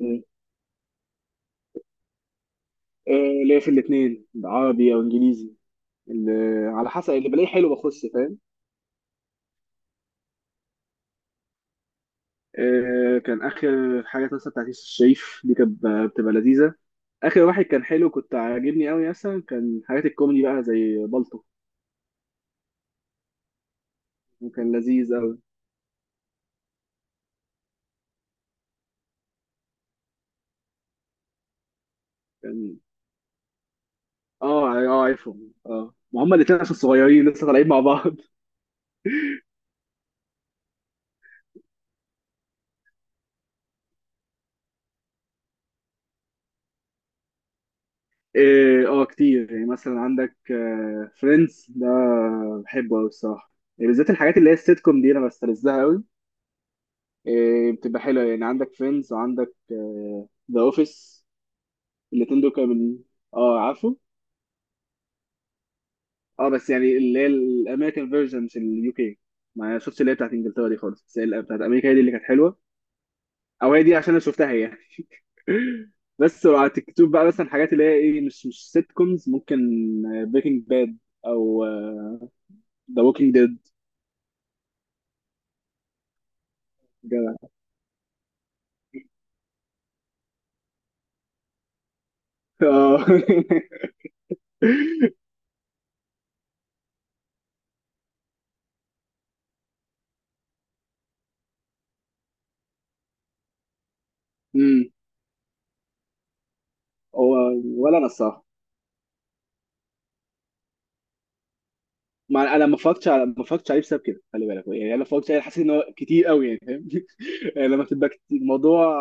مم. آه، ليا في الاثنين عربي او انجليزي. اللي على حسب اللي بلاقيه حلو بخش. فاهم؟ آه، كان اخر حاجه مثلا بتاعت يوسف الشريف دي كانت بتبقى لذيذه. اخر واحد كان حلو، كنت عاجبني قوي، مثلا كان حاجات الكوميدي بقى زي بالطو وكان لذيذ قوي. كان اه ع- اه عارفهم. اه ما هما الاثنين عشان صغيرين لسه طالعين مع بعض. اه، آه، كتير يعني، مثلا عندك فريندز ده، بحبه قوي الصراحه. يعني بالذات الحاجات اللي هي السيت كوم دي، انا بستلذها قوي. إيه، بتبقى حلوه. يعني عندك فريندز وعندك ذا اوفيس. الاثنين دول كانوا من. اه، عارفه. اه بس يعني اللي هي الامريكان فيرجن، مش اليو كي. ما شفتش اللي هي بتاعت انجلترا دي خالص، بس هي اللي بتاعت امريكا هي دي اللي كانت حلوه. او هي دي عشان انا شفتها هي يعني. بس لو على تيك توك بقى، مثلا حاجات اللي هي ايه، مش سيت كومز. ممكن بريكنج باد او ذا ووكينج ديد. اه. أمم، هو ولا انا الصراحه. ما انا ما اتفرجتش عليه بسبب كده. خلي بالك يعني انا ما اتفرجتش عليه، حاسس ان هو كتير قوي يعني، فاهم. يعني لما بتبقى كتير الموضوع.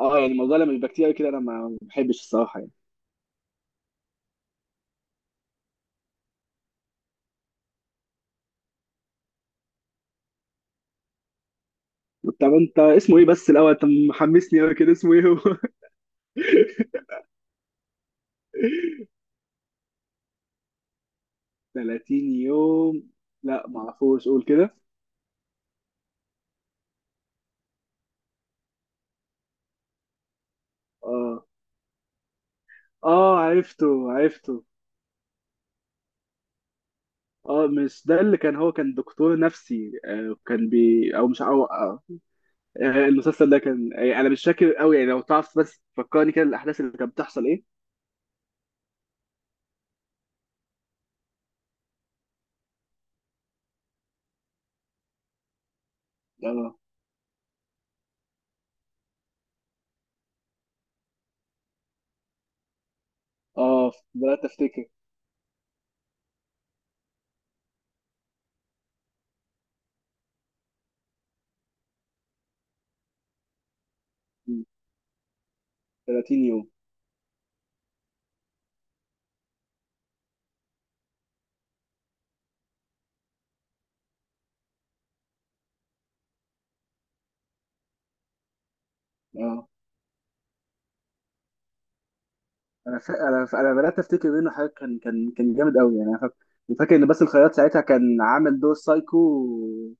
اه، يعني الموضوع لما بيبقى كتير قوي كده، انا ما بحبش الصراحه يعني. طب انت اسمه ايه بس الاول؟ انت محمسني قوي كده، اسمه ايه هو؟ 30 يوم؟ لا ما اعرفوش، قول كده. اه، اه، عرفته عرفته. اه، مش ده اللي كان، هو كان دكتور نفسي؟ آه، كان بي او مش او آه آه، المسلسل ده كان. انا مش فاكر قوي يعني، لو تعرف بس فكرني كده الاحداث اللي كانت بتحصل ايه. اه، اه، بدأت افتكر. م. 30 يوم. اه، انا بدأت افتكر منه حاجه. كان جامد قوي يعني، انا فاكر. وفاكر ان باسل الخياط ساعتها كان عامل دور سايكو،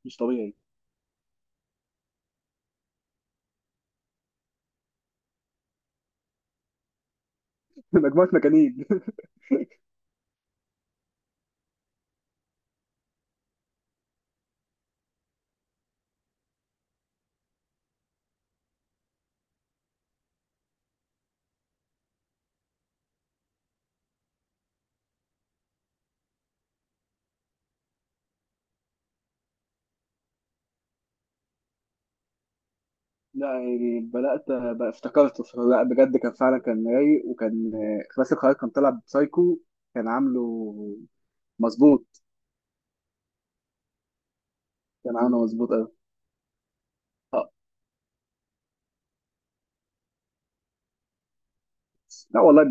مش طبيعي. مجموعه مجانين. لا يعني بدأت بقى افتكرته. لا بجد، كان فعلا كان رايق. وكان آه، باسل الخياط كان طالع بسايكو. كان عامله مظبوط كان عامله مظبوط قوي. اه، لا والله،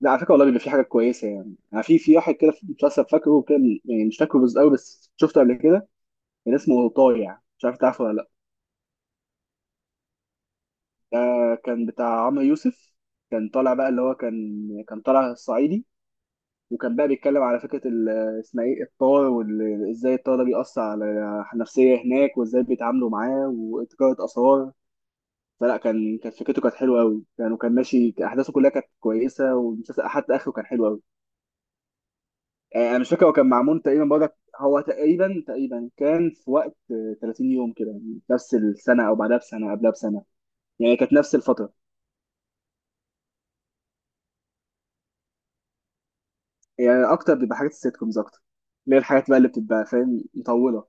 لا على فكره والله بيبقى في حاجات كويسه يعني في واحد كده في المسلسل فاكره كده. يعني مش فاكره بس قوي، بس شفته قبل كده. كان اسمه طايع، مش عارف تعرفه ولا لا. ده كان بتاع عمرو يوسف. كان طالع بقى اللي هو كان طالع صعيدي. وكان بقى بيتكلم على فكره اسمها ايه، الطار. وازاي الطار ده بيأثر على النفسيه هناك، وازاي بيتعاملوا معاه، وتجاره اسرار. فلا كانت فكرته كانت حلوه قوي يعني، وكان ماشي احداثه كلها كانت كويسه، والمسلسل حتى اخره كان حلو قوي. آه، انا مش فاكر، هو كان معمول تقريبا برضك، هو تقريبا تقريبا كان في وقت آه، 30 يوم كده، يعني نفس السنه او بعدها بسنه قبلها بسنه. يعني كانت نفس الفتره. يعني اكتر بيبقى حاجات السيت كومز اكتر، اللي هي الحاجات بقى اللي بتبقى فاهم مطوله.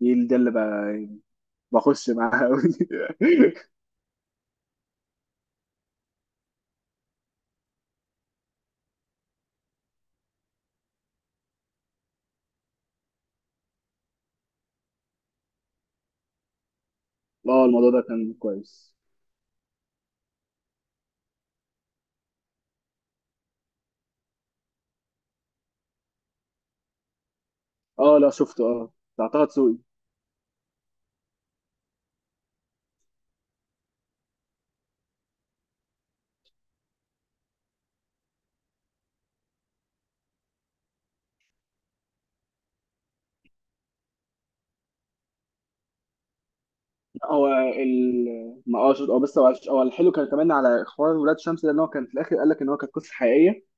دي ده اللي بقى بخش معاها أوي. اه، الموضوع ده كان كويس. اه، لا شفته. اه، بتاع طه دسوقي. هو ال ما اه شفت- هو بس هو الحلو كان كمان على حوار ولاد شمس ده، ان هو كان في الاخر قال لك ان هو كانت قصه حقيقيه.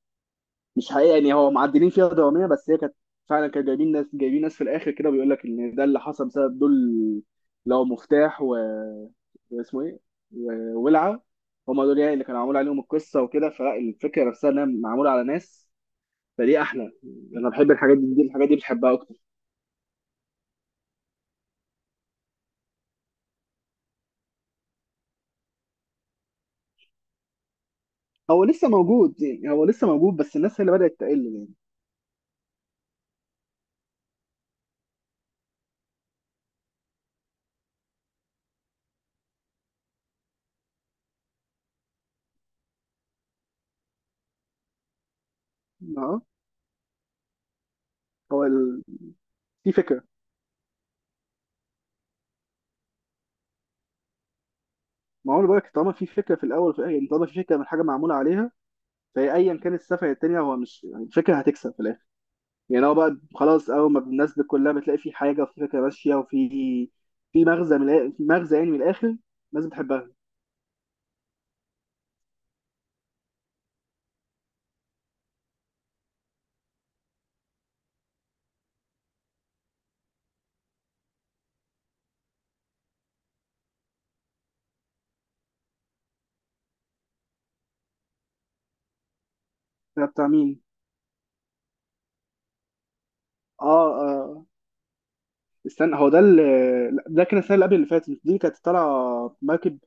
مش حقيقة يعني، هو معدلين فيها دراميا بس هي كانت فعلا. كانوا جايبين ناس في الآخر كده، بيقول لك إن ده اللي حصل بسبب دول. لو مفتاح و، واسمه إيه، وولعة. هما دول يعني اللي كانوا معمول عليهم القصة وكده. فلا الفكرة نفسها إنها معمولة على ناس، فدي أحلى. أنا بحب الحاجات دي، الحاجات دي بحبها أكتر. هو لسه موجود يعني، هو لسه موجود بس الناس هي اللي بدأت تقل يعني. أه. هو ال... في فكرة. ما هو أنا بقول لك، طالما في فكرة في الأول وفي الآخر، يعني طالما في فكرة من حاجة معمولة عليها، فهي أيا كان السفر التانية، هو مش يعني، الفكرة هتكسب في الآخر. يعني هو بقى خلاص، اول ما الناس كلها بتلاقي في حاجه وفي فكره ماشيه وفي في مغزى يعني من الاخر. الناس بتحبها. ده بتاع مين؟ اه، اه، استنى، هو ده اللي لا، ده كان السنه اللي قبل اللي فاتت، مش دي كانت طالعه مركب.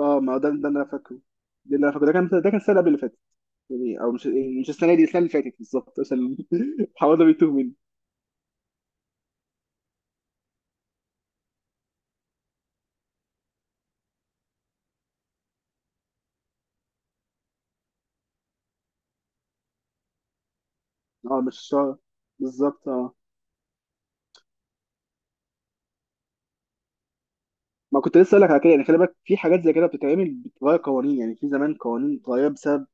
اه، ما هو ده اللي انا فاكره. ده اللي انا فاكره ده كان السنه اللي قبل اللي فاتت. يعني او مش السنه دي، السنه اللي فاتت بالظبط، عشان حوالي بيتوه مني. اه، مش الشهر بالظبط، اه. ما كنت لسه اقول لك على كده يعني، خلي بالك، في حاجات زي كده بتتعمل بتغير قوانين. يعني في زمان قوانين اتغير بسبب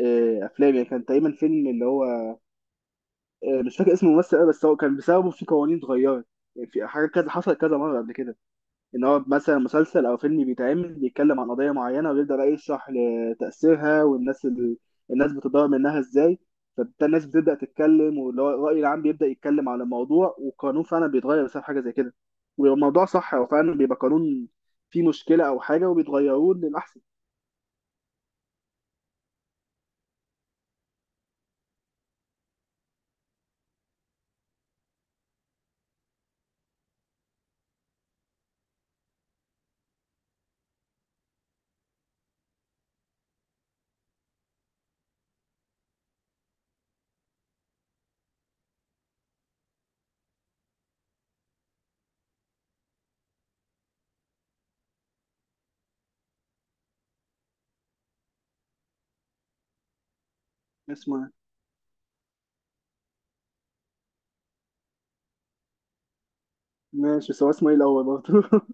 آه، افلام يعني. كان تقريبا فيلم اللي هو آه، مش فاكر اسم الممثل أوي، بس هو كان بسببه في قوانين اتغيرت. يعني في حاجات كذا حصلت كذا مره قبل كده، ان هو مثلا مسلسل او فيلم بيتعمل بيتكلم عن قضيه معينه ويبدا بقى يشرح لتاثيرها والناس الناس بتتضرر منها ازاي. فبالتالي الناس بتبدا تتكلم، واللي هو الراي العام بيبدا يتكلم على الموضوع، والقانون فعلا بيتغير بسبب حاجه زي كده. والموضوع صح، هو فعلا بيبقى قانون فيه مشكله او حاجه وبيتغيروه للاحسن. اسمه إيه؟ ماشي، بس هو اسمه ايه الاول برضه؟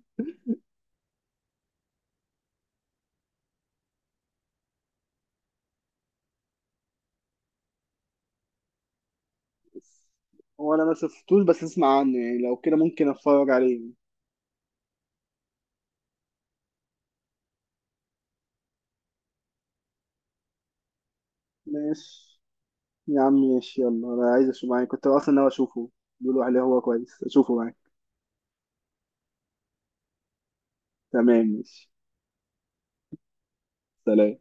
هو انا ما شفتوش بس اسمع عنه، يعني لو كده ممكن اتفرج عليه. ماشي يا عم، ماشي، يلا، انا عايز اشوفه معاك، كنت اصلا ناوي اشوفه. بيقولوا عليه هو كويس، اشوفه معاك. تمام، ماشي. سلام.